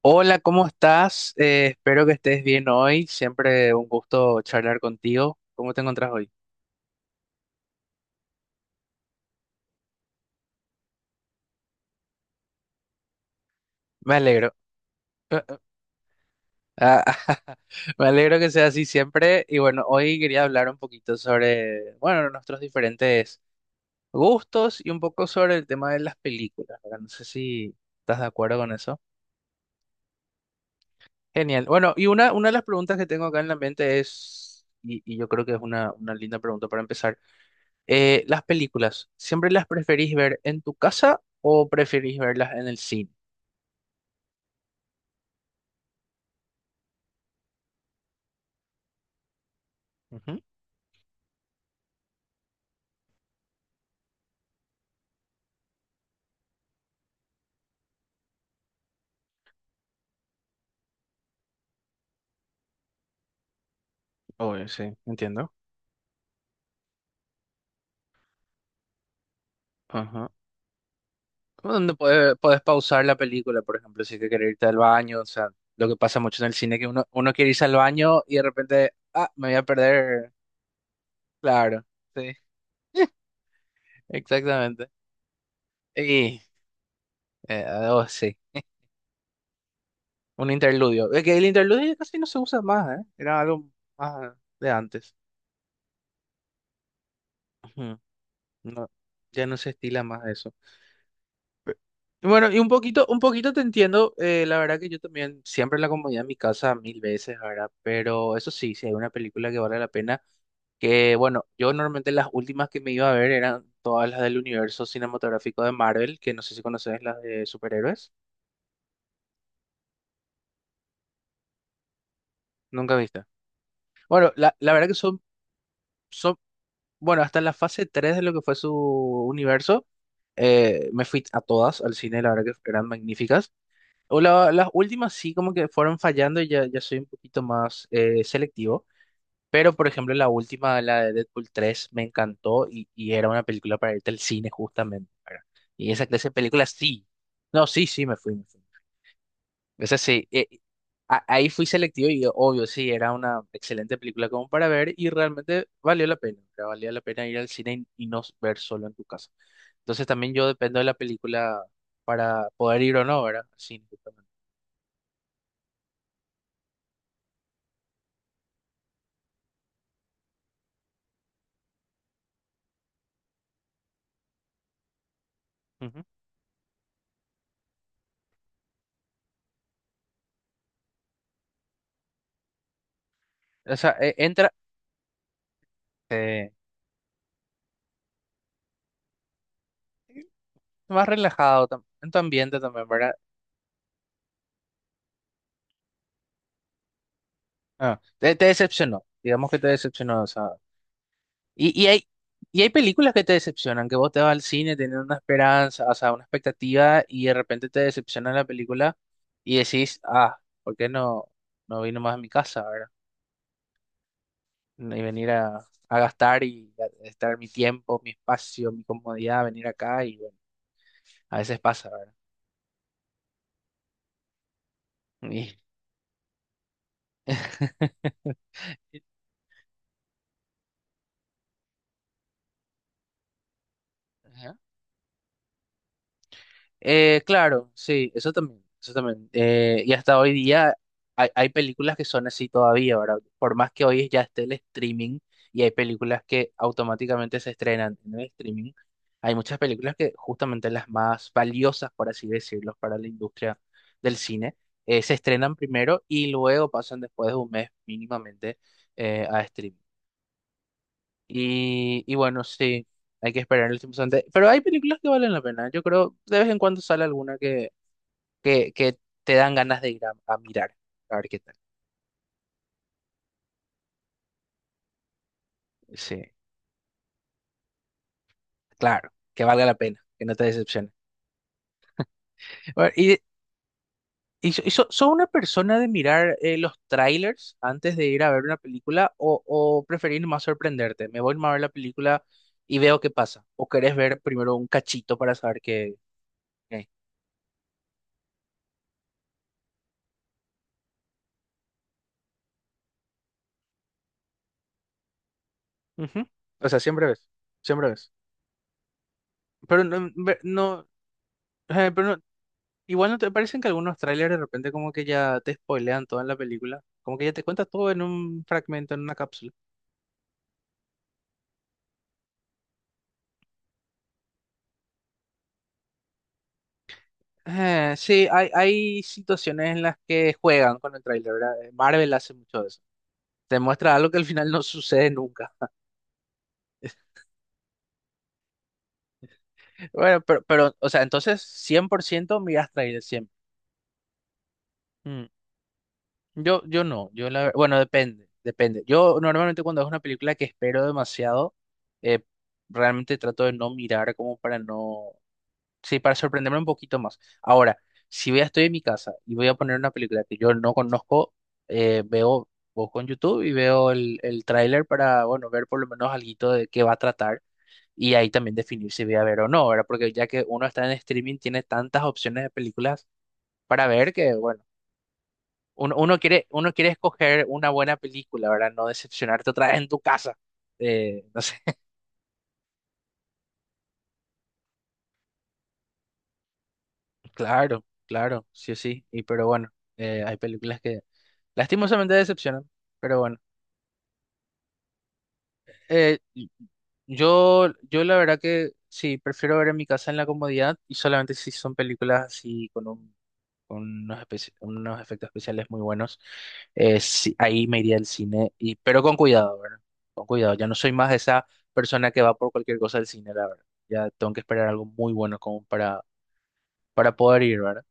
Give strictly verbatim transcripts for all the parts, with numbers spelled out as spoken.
Hola, ¿cómo estás? Eh, espero que estés bien hoy. Siempre un gusto charlar contigo. ¿Cómo te encuentras hoy? Me alegro. Eh, eh, Ah, me alegro que sea así siempre. Y bueno, hoy quería hablar un poquito sobre, bueno, nuestros diferentes gustos y un poco sobre el tema de las películas, ¿verdad? No sé si estás de acuerdo con eso. Genial. Bueno, y una, una de las preguntas que tengo acá en la mente es, y, y yo creo que es una, una linda pregunta para empezar. Eh, las películas, ¿siempre las preferís ver en tu casa o preferís verlas en el cine? Ujú. Obvio, sí, entiendo. Ajá. Donde puede- puedes pausar la película, por ejemplo, si es que quieres irte al baño. O sea, lo que pasa mucho en el cine que uno, uno quiere irse al baño y de repente, ah, me voy a perder. Claro, sí, exactamente. Y, eh, oh, sí, un interludio. Es que el interludio ya casi no se usa más, ¿eh? Era algo más de antes. Ujú. No, ya no se estila más eso. Bueno, y un poquito, un poquito te entiendo. Eh, la verdad que yo también siempre la comodidad a mi casa mil veces, ¿verdad? Pero eso sí, si hay una película que vale la pena, que bueno, yo normalmente las últimas que me iba a ver eran todas las del universo cinematográfico de Marvel, que no sé si conoces las de superhéroes, nunca viste. Bueno, la la verdad que son, son, bueno, hasta la fase tres de lo que fue su universo. Eh, me fui a todas al cine, la verdad que eran magníficas. O la- las últimas sí como que fueron fallando y ya, ya soy un poquito más eh, selectivo. Pero, por ejemplo, la última, la de Deadpool tres me encantó, y, y era una película para irte al cine justamente, ¿verdad? Y esa clase de películas sí. No, sí, sí, me fui, me fui. Esa sí. Eh, a- ahí fui selectivo y obvio, sí, era una excelente película como para ver y realmente valió la pena, ¿verdad? Valía la pena ir al cine y, y no ver solo en tu casa. Entonces también yo dependo de la película para poder ir o no, ¿verdad? Al cine, justamente. O sea, e- entra eh, más relajado tam- en tu ambiente también, ¿verdad? Ah, te, te decepcionó, digamos que te decepcionó, o sea. Y, y hay, y hay películas que te decepcionan, que vos te vas al cine teniendo una esperanza, o sea, una expectativa, y de repente te decepciona la película y decís, ah, ¿por qué no, no vino más a mi casa?, ¿verdad? Y venir a, a gastar y a estar mi tiempo, mi espacio, mi comodidad, venir acá y bueno, a veces pasa, ¿verdad? Y- Eh, claro, sí, eso también, eso también. Eh, y hasta hoy día hay, hay películas que son así todavía, ¿verdad? Por más que hoy ya esté el streaming y hay películas que automáticamente se estrenan en el streaming, hay muchas películas que justamente las más valiosas, por así decirlo, para la industria del cine, eh, se estrenan primero y luego pasan después de un mes mínimamente eh, a streaming. Y, y bueno, sí, hay que esperar el tiempo suficiente. Pero hay películas que valen la pena. Yo creo, de vez en cuando sale alguna que, que te dan ganas de ir a, a mirar, a ver qué tal. Sí. Claro, que valga la pena, que no te decepcione. A y, y, so- y so- ¿Sos una persona de mirar eh, los trailers antes de ir a ver una película o, o preferís más sorprenderte? Me voy nomás a ver la película y veo qué pasa. ¿O querés ver primero un cachito para saber qué? qué hay? Ujú. O sea, siempre ves, siempre ves. Pero no, ve- no, eh, pero no, igual no te parecen que algunos trailers de repente como que ya te spoilean toda la película, como que ya te cuentas todo en un fragmento, en una cápsula. Eh, sí, hay, hay situaciones en las que juegan con el trailer, ¿verdad? Eh, Marvel hace mucho de eso. Te muestra algo que al final no sucede nunca. Bueno, pero, pero o sea, entonces cien por ciento miras trailer siempre. Mm. Yo, yo no, yo la, ver- bueno, depende, depende. Yo normalmente cuando es una película que espero demasiado, eh, realmente trato de no mirar como para no. Sí, para sorprenderme un poquito más. Ahora, si voy a estoy en mi casa y voy a poner una película que yo no conozco, eh, veo, busco en YouTube y veo el, el tráiler para, bueno, ver por lo menos alguito de qué va a tratar y ahí también definir si voy a ver o no, ¿verdad? Porque ya que uno está en streaming, tiene tantas opciones de películas para ver que, bueno, uno, uno quiere, uno quiere escoger una buena película, ¿verdad? No decepcionarte otra vez en tu casa. Eh, no sé, claro, claro, sí o sí. Y pero bueno, eh, hay películas que lastimosamente decepcionan, pero bueno. Eh, yo, yo la verdad que sí, prefiero ver en mi casa en la comodidad y solamente si son películas así con un- con unos, especi- unos efectos especiales muy buenos. Eh, sí, ahí me iría al cine, y, pero con cuidado, ¿verdad? Con cuidado, ya no soy más esa persona que va por cualquier cosa al cine, la verdad. Ya tengo que esperar algo muy bueno como para, para poder ir, ¿verdad?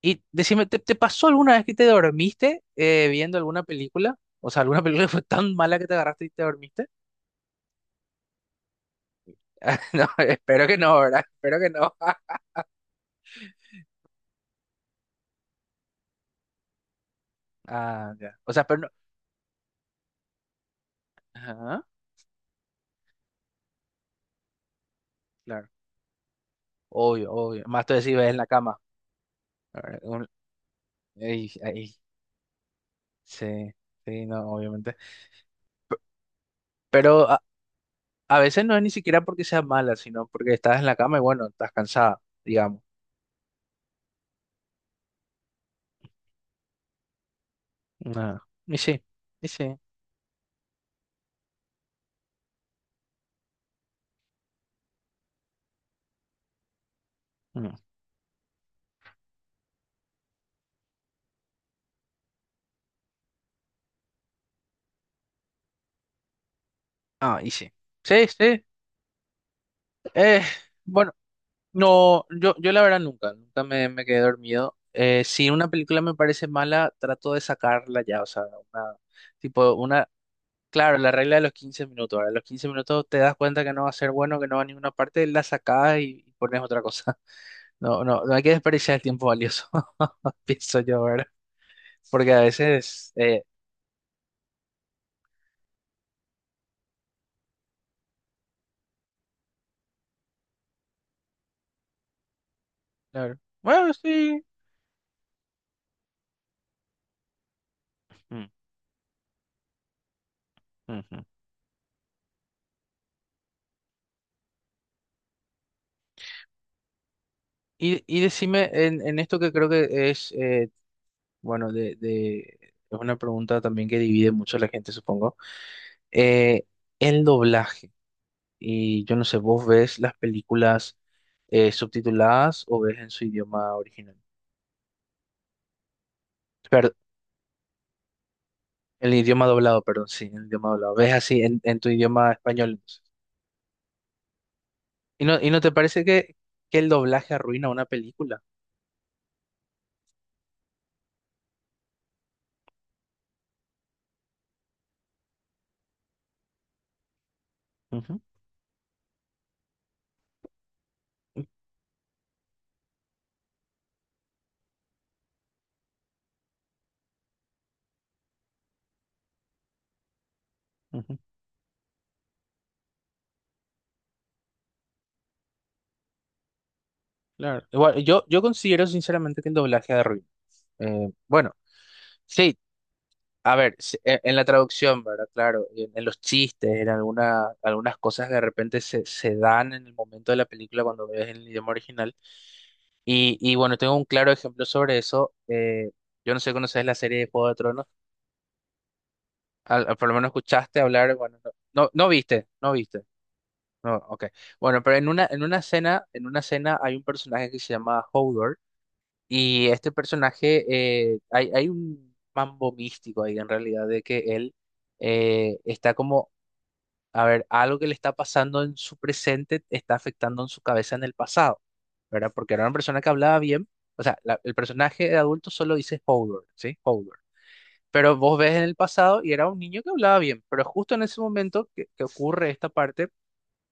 Y decime, ¿te, te pasó alguna vez que te dormiste eh, viendo alguna película? O sea, ¿alguna película que fue tan mala que te agarraste y te dormiste? No, espero que no, ¿verdad? Espero que no. Ah, ya. O sea, pero no. Ajá, claro. Obvio, obvio. Más te si ves en la cama. Ahora, un- ey, ahí. Sí, sí, no, obviamente. Pero a, a veces no es ni siquiera porque sea mala, sino porque estás en la cama y bueno, estás cansada, digamos. Ah, y sí, y sí. Mm. Ah, y sí. Sí, sí. Eh, bueno. No, yo, yo la verdad nunca, nunca me, me quedé dormido. Eh, si una película me parece mala, trato de sacarla ya, o sea, una, tipo, una, claro, la regla de los quince minutos. Ahora los quince minutos te das cuenta que no va a ser bueno, que no va a ninguna parte, la sacás y, y pones otra cosa. No, no, no hay que desperdiciar el tiempo valioso, pienso yo, ¿verdad? Porque a veces, eh, claro, bueno, sí. Mm, ujú. Y, y decime, en, en esto que creo que es eh, bueno, de, de, es una pregunta también que divide mucho a la gente, supongo. Eh, el doblaje, y yo no sé, ¿vos ves las películas eh, subtituladas o ves en su idioma original? Perdón, el idioma doblado, perdón, sí, el idioma doblado. ¿Ves así en, en tu idioma español, entonces? ¿Y no, y no te parece que, que el doblaje arruina una película? Ujú, ujú, claro. Igual, yo, yo considero sinceramente que el doblaje arruina. Eh, bueno. Sí, a ver, si- e- en la traducción, ¿verdad? Claro, en, en los chistes, en alguna, algunas cosas que de repente se, se dan en el momento de la película cuando ves el idioma original. Y, y bueno, tengo un claro ejemplo sobre eso. Eh, yo no sé, ¿conoces la serie de Juego de Tronos? Al- al- por lo menos escuchaste hablar, bueno, no, no, no viste, no viste. No, ok. Bueno, pero en una, en una escena, en una escena hay un personaje que se llama Hodor y este personaje, eh, hay, hay un mambo místico ahí en realidad de que él eh, está como. A ver, algo que le está pasando en su presente está afectando en su cabeza en el pasado, ¿verdad? Porque era una persona que hablaba bien, o sea, la- el personaje de adulto solo dice Hodor, ¿sí? Hodor. Pero vos ves en el pasado y era un niño que hablaba bien, pero justo en ese momento que, que ocurre esta parte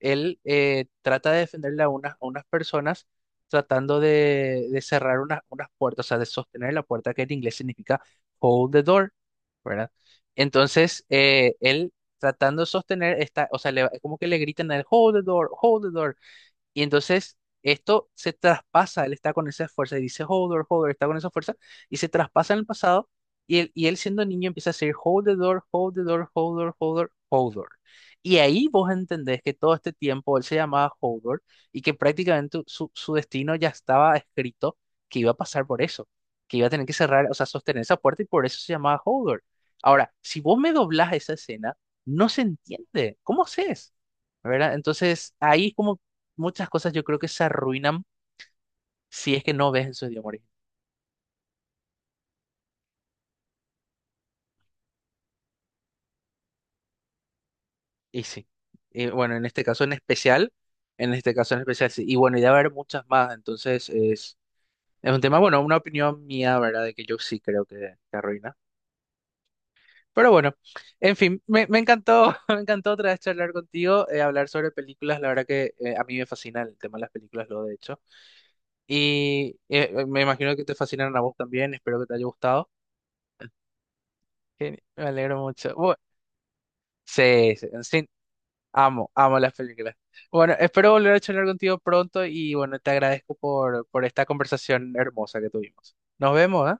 él eh, trata de defenderle a, unas, a unas personas, tratando de, de cerrar unas, unas puertas, o sea, de sostener la puerta, que en inglés significa "hold the door", ¿verdad? Entonces, eh, él tratando de sostener esta, o sea, le- como que le gritan a él, "hold the door, hold the door". Y entonces esto se traspasa, él está con esa fuerza y dice "Hold the the door, hold the door", está con esa fuerza y se traspasa en el pasado, y él, y él siendo niño empieza a decir "Hold the door, hold the door, hold the door, hold the door, hold the door". Y ahí vos entendés que todo este tiempo él se llamaba "hold the door" y que prácticamente su su destino ya estaba escrito, que iba a pasar por eso, que iba a tener que cerrar, o sea, sostener esa puerta, y por eso se llamaba "hold the door". Ahora, si vos me doblás esa escena, no se entiende. ¿Cómo haces, ¿verdad? Entonces, ahí es como muchas cosas yo creo que se arruinan si es que no ves esos idioma original. Y sí. Y bueno, en este caso en especial, en este caso en especial sí. Y bueno, y debe haber muchas más. Entonces es, es un tema, bueno, una opinión mía, ¿verdad? De que yo sí creo que se arruina. Pero bueno, en fin, me, me encantó, me encantó otra vez charlar contigo, eh, hablar sobre películas. La verdad que eh, a mí me fascina el tema de las películas, lo de hecho. Y eh, eh, me imagino que te fascinaron a vos también. Espero que te haya gustado. Geni- Me alegro mucho. Bu- Sí, sí, sin. Amo, amo las películas. Bueno, espero volver a charlar contigo pronto y bueno, te agradezco por, por esta conversación hermosa que tuvimos. Nos vemos, ¿eh?